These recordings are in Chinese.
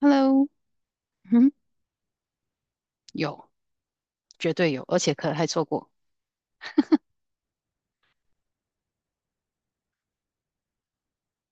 Hello，嗯，有，绝对有，而且可能还错过。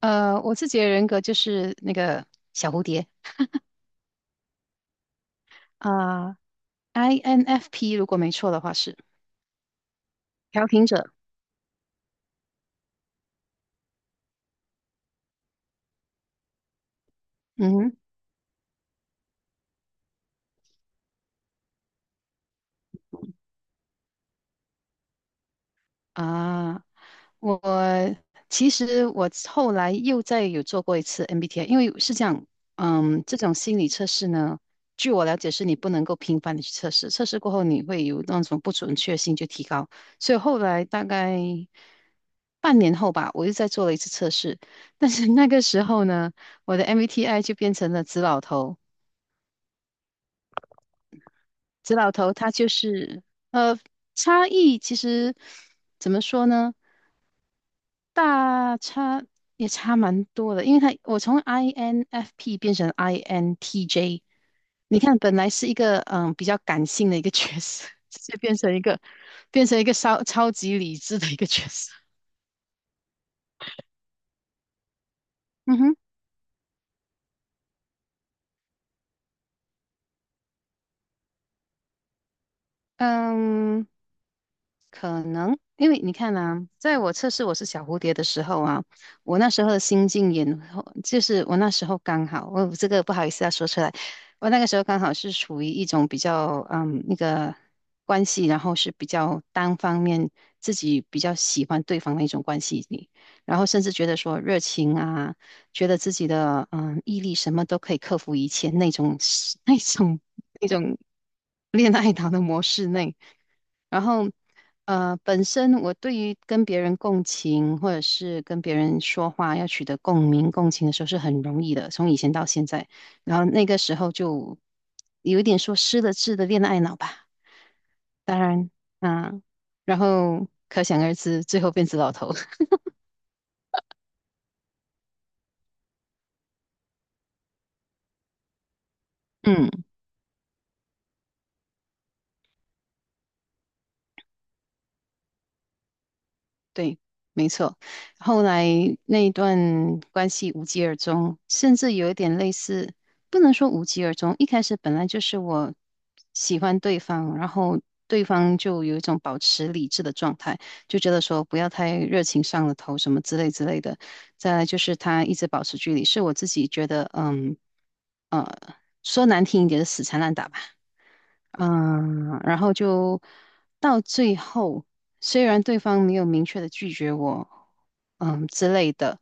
我自己的人格就是那个小蝴蝶啊，INFP 如果没错的话是调停者。嗯哼啊，我其实后来又再有做过一次 MBTI，因为是这样，这种心理测试呢，据我了解是你不能够频繁的去测试，测试过后你会有那种不准确性就提高，所以后来大概半年后吧，我又再做了一次测试，但是那个时候呢，我的 MBTI 就变成了紫老头，紫老头他就是呃差异其实怎么说呢？大差也差蛮多的，因为我从 INFP 变成 INTJ，你看本来是一个比较感性的一个角色，直接变成一个超级理智的一个角色。嗯哼，嗯，可能，因为你看啊，在我测试我是小蝴蝶的时候啊，我那时候的心境也，就是我那时候刚好，我这个不好意思要说出来，我那个时候刚好是处于一种比较那个关系，然后是比较单方面自己比较喜欢对方的一种关系里，然后甚至觉得说热情啊，觉得自己的毅力什么都可以克服一切那种 那种那种 恋爱脑的模式内。然后，本身我对于跟别人共情，或者是跟别人说话要取得共鸣、共情的时候是很容易的，从以前到现在。然后那个时候就有一点说失了智的恋爱脑吧。当然，嗯、然后可想而知，最后变成老头。嗯。对，没错。后来那一段关系无疾而终，甚至有一点类似，不能说无疾而终。一开始本来就是我喜欢对方，然后对方就有一种保持理智的状态，就觉得说不要太热情上了头什么之类之类的。再来就是他一直保持距离，是我自己觉得，呃，说难听一点是死缠烂打吧。嗯，然后就到最后，虽然对方没有明确的拒绝我，之类的，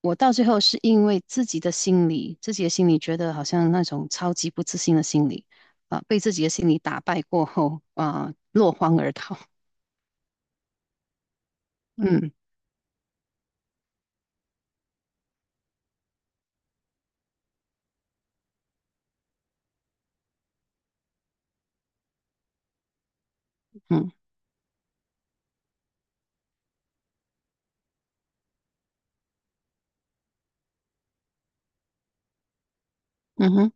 我到最后是因为自己的心理，自己的心理觉得好像那种超级不自信的心理，被自己的心理打败过后，落荒而逃。嗯，嗯嗯嗯哼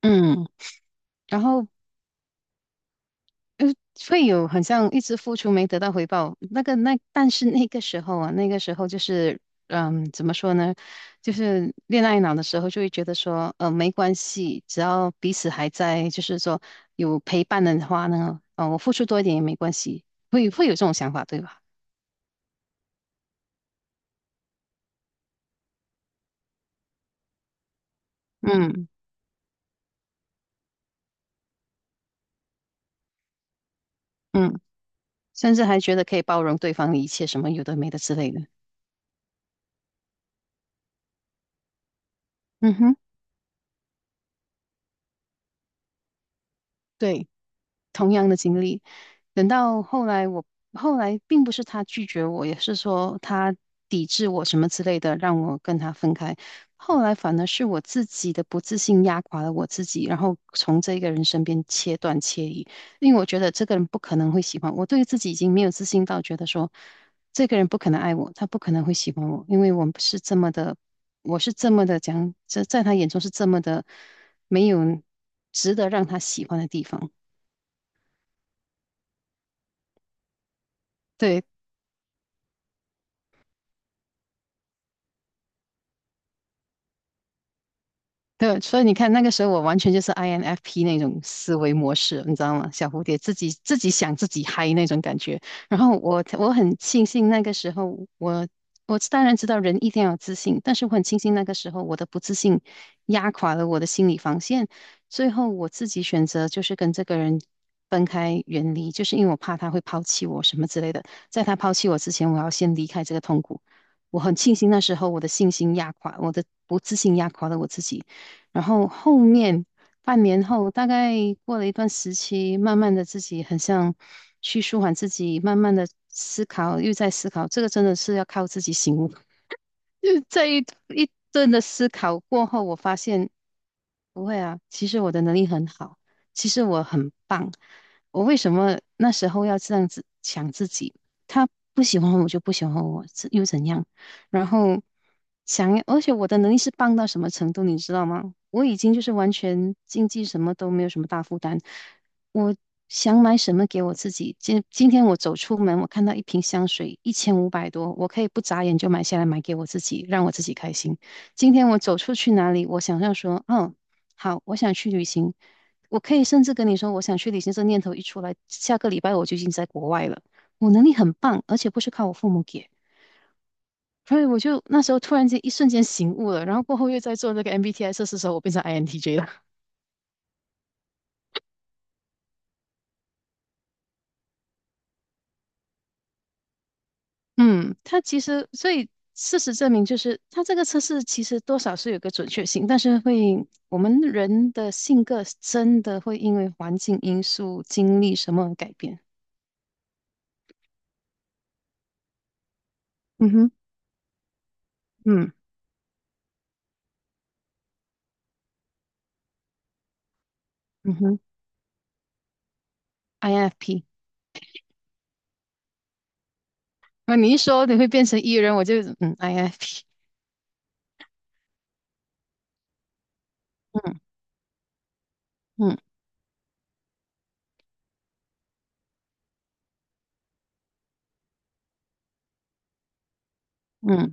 嗯，然后呃，会有很像一直付出没得到回报，那个那但是那个时候啊，那个时候就是怎么说呢？就是恋爱脑的时候，就会觉得说，没关系，只要彼此还在，就是说有陪伴的话呢，我付出多一点也没关系，会有这种想法，对吧？嗯嗯，甚至还觉得可以包容对方的一切，什么有的没的之类的。嗯哼，对。同样的经历。等到后来我，后来并不是他拒绝我，也是说他抵制我什么之类的，让我跟他分开。后来反而是我自己的不自信压垮了我自己，然后从这个人身边切断切离，因为我觉得这个人不可能会喜欢我，对于自己已经没有自信到觉得说这个人不可能爱我，他不可能会喜欢我，因为我们是这么的，我是这么的讲，这在他眼中是这么的没有值得让他喜欢的地方。对，对，所以你看那个时候我完全就是 INFP 那种思维模式，你知道吗？小蝴蝶自己想自己嗨那种感觉。然后我很庆幸那个时候我当然知道人一定要有自信，但是我很庆幸那个时候我的不自信压垮了我的心理防线，最后我自己选择就是跟这个人分开远离，就是因为我怕他会抛弃我什么之类的。在他抛弃我之前，我要先离开这个痛苦。我很庆幸那时候我的信心压垮，我的不自信压垮了我自己。然后后面半年后，大概过了一段时期，慢慢的自己很像去舒缓自己，慢慢的思考，又在思考，这个真的是要靠自己醒悟。就是这一顿的思考过后，我发现不会啊，其实我的能力很好，其实我很棒，我为什么那时候要这样子想自己？他不喜欢我就不喜欢我，是又怎样？然后想要，而且我的能力是棒到什么程度，你知道吗？我已经就是完全经济什么都没有什么大负担，我想买什么给我自己？今天我走出门，我看到一瓶香水，1500多，我可以不眨眼就买下来买给我自己，让我自己开心。今天我走出去哪里，我想象说，好，我想去旅行，我可以甚至跟你说，我想去旅行，这念头一出来，下个礼拜我就已经在国外了。我能力很棒，而且不是靠我父母给，所以我就那时候突然间一瞬间醒悟了，然后过后又在做那个 MBTI 测试的时候，我变成 INTJ 了。嗯，它其实，所以事实证明，就是它这个测试其实多少是有个准确性，但是会我们人的性格真的会因为环境因素、经历什么而改变。嗯哼，嗯嗯哼，INFP。那你一说你会变成 E 人，我就INFP。嗯嗯嗯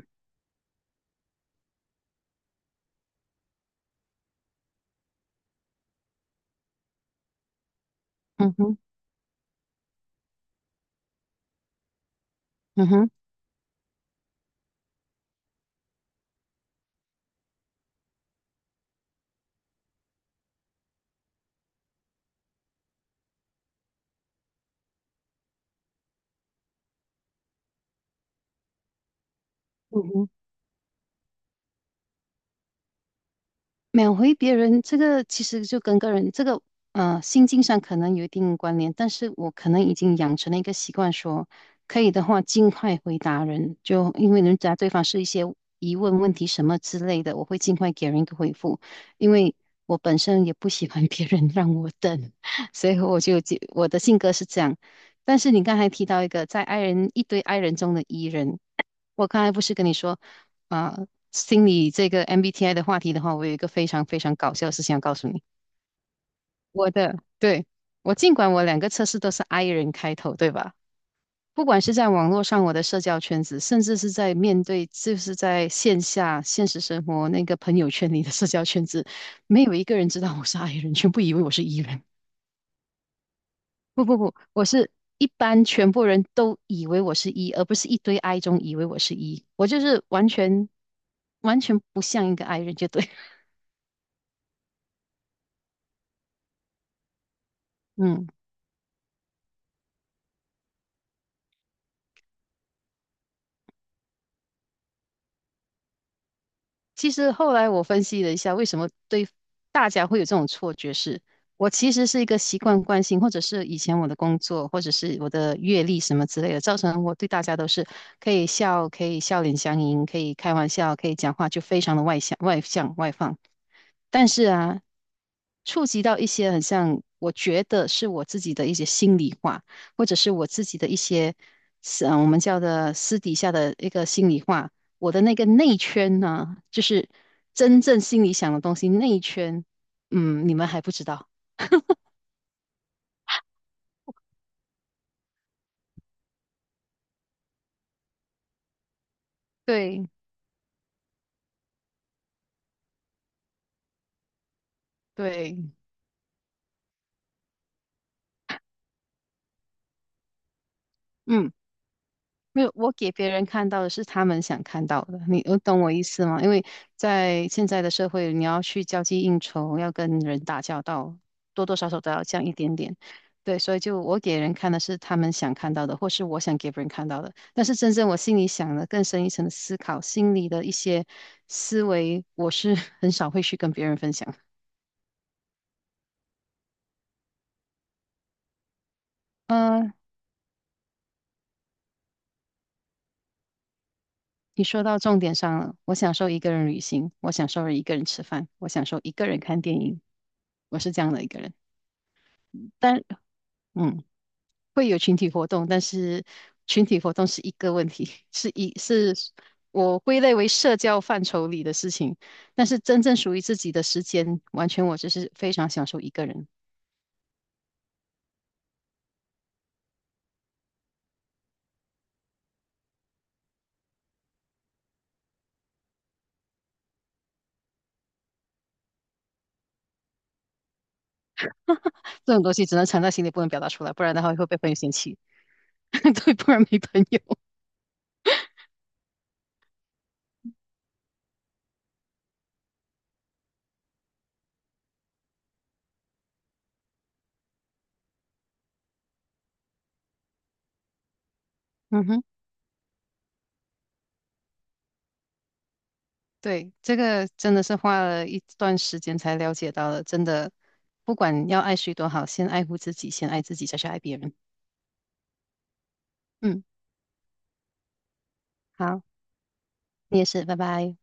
嗯哼嗯哼嗯哼秒回别人，这个其实就跟个人这个心境上可能有一定关联，但是我可能已经养成了一个习惯说，可以的话尽快回答人，就因为人家对方是一些疑问、问题什么之类的，我会尽快给人一个回复，因为我本身也不喜欢 别人让我等，所以我就我的性格是这样。但是你刚才提到一个在爱人一堆爱人中的 E 人，我刚才不是跟你说。啊、呃心理这个 MBTI 的话题的话，我有一个非常非常搞笑的事情要告诉你。我的，对，我尽管我两个测试都是 I 人开头，对吧？不管是在网络上我的社交圈子，甚至是在面对就是在线下现实生活那个朋友圈里的社交圈子，没有一个人知道我是 I 人，全部以为我是 E 人。不不不，我是一般全部人都以为我是 E，而不是一堆 I 中以为我是 E。我就是完全不像一个 I 人，就对了，嗯。其实后来我分析了一下，为什么对大家会有这种错觉是，我其实是一个习惯惯性，或者是以前我的工作，或者是我的阅历什么之类的，造成我对大家都是可以笑，可以笑脸相迎，可以开玩笑，可以讲话，就非常的外向、外向、外放。但是啊，触及到一些很像我觉得是我自己的一些心里话，或者是我自己的一些，我们叫的私底下的一个心里话。我的那个内圈呢，就是真正心里想的东西，内圈，你们还不知道。对对，嗯。没有，我给别人看到的是他们想看到的，你我懂我意思吗？因为在现在的社会，你要去交际应酬，要跟人打交道，多多少少都要这样一点点。对，所以就我给人看的是他们想看到的，或是我想给别人看到的。但是真正我心里想的更深一层的思考，心里的一些思维，我是 很少会去跟别人分享。嗯、你说到重点上了，我享受一个人旅行，我享受一个人吃饭，我享受一个人看电影，我是这样的一个人。但。嗯，会有群体活动，但是群体活动是一个问题，是我归类为社交范畴里的事情。但是真正属于自己的时间，完全我就是非常享受一个人。这种东西只能藏在心里，不能表达出来，不然的话会被朋友嫌弃。对，不然没朋友。嗯哼，对，这个真的是花了一段时间才了解到的，真的，不管要爱谁多好，先爱护自己，先爱自己，再去爱别人。嗯，好，你也是，拜拜。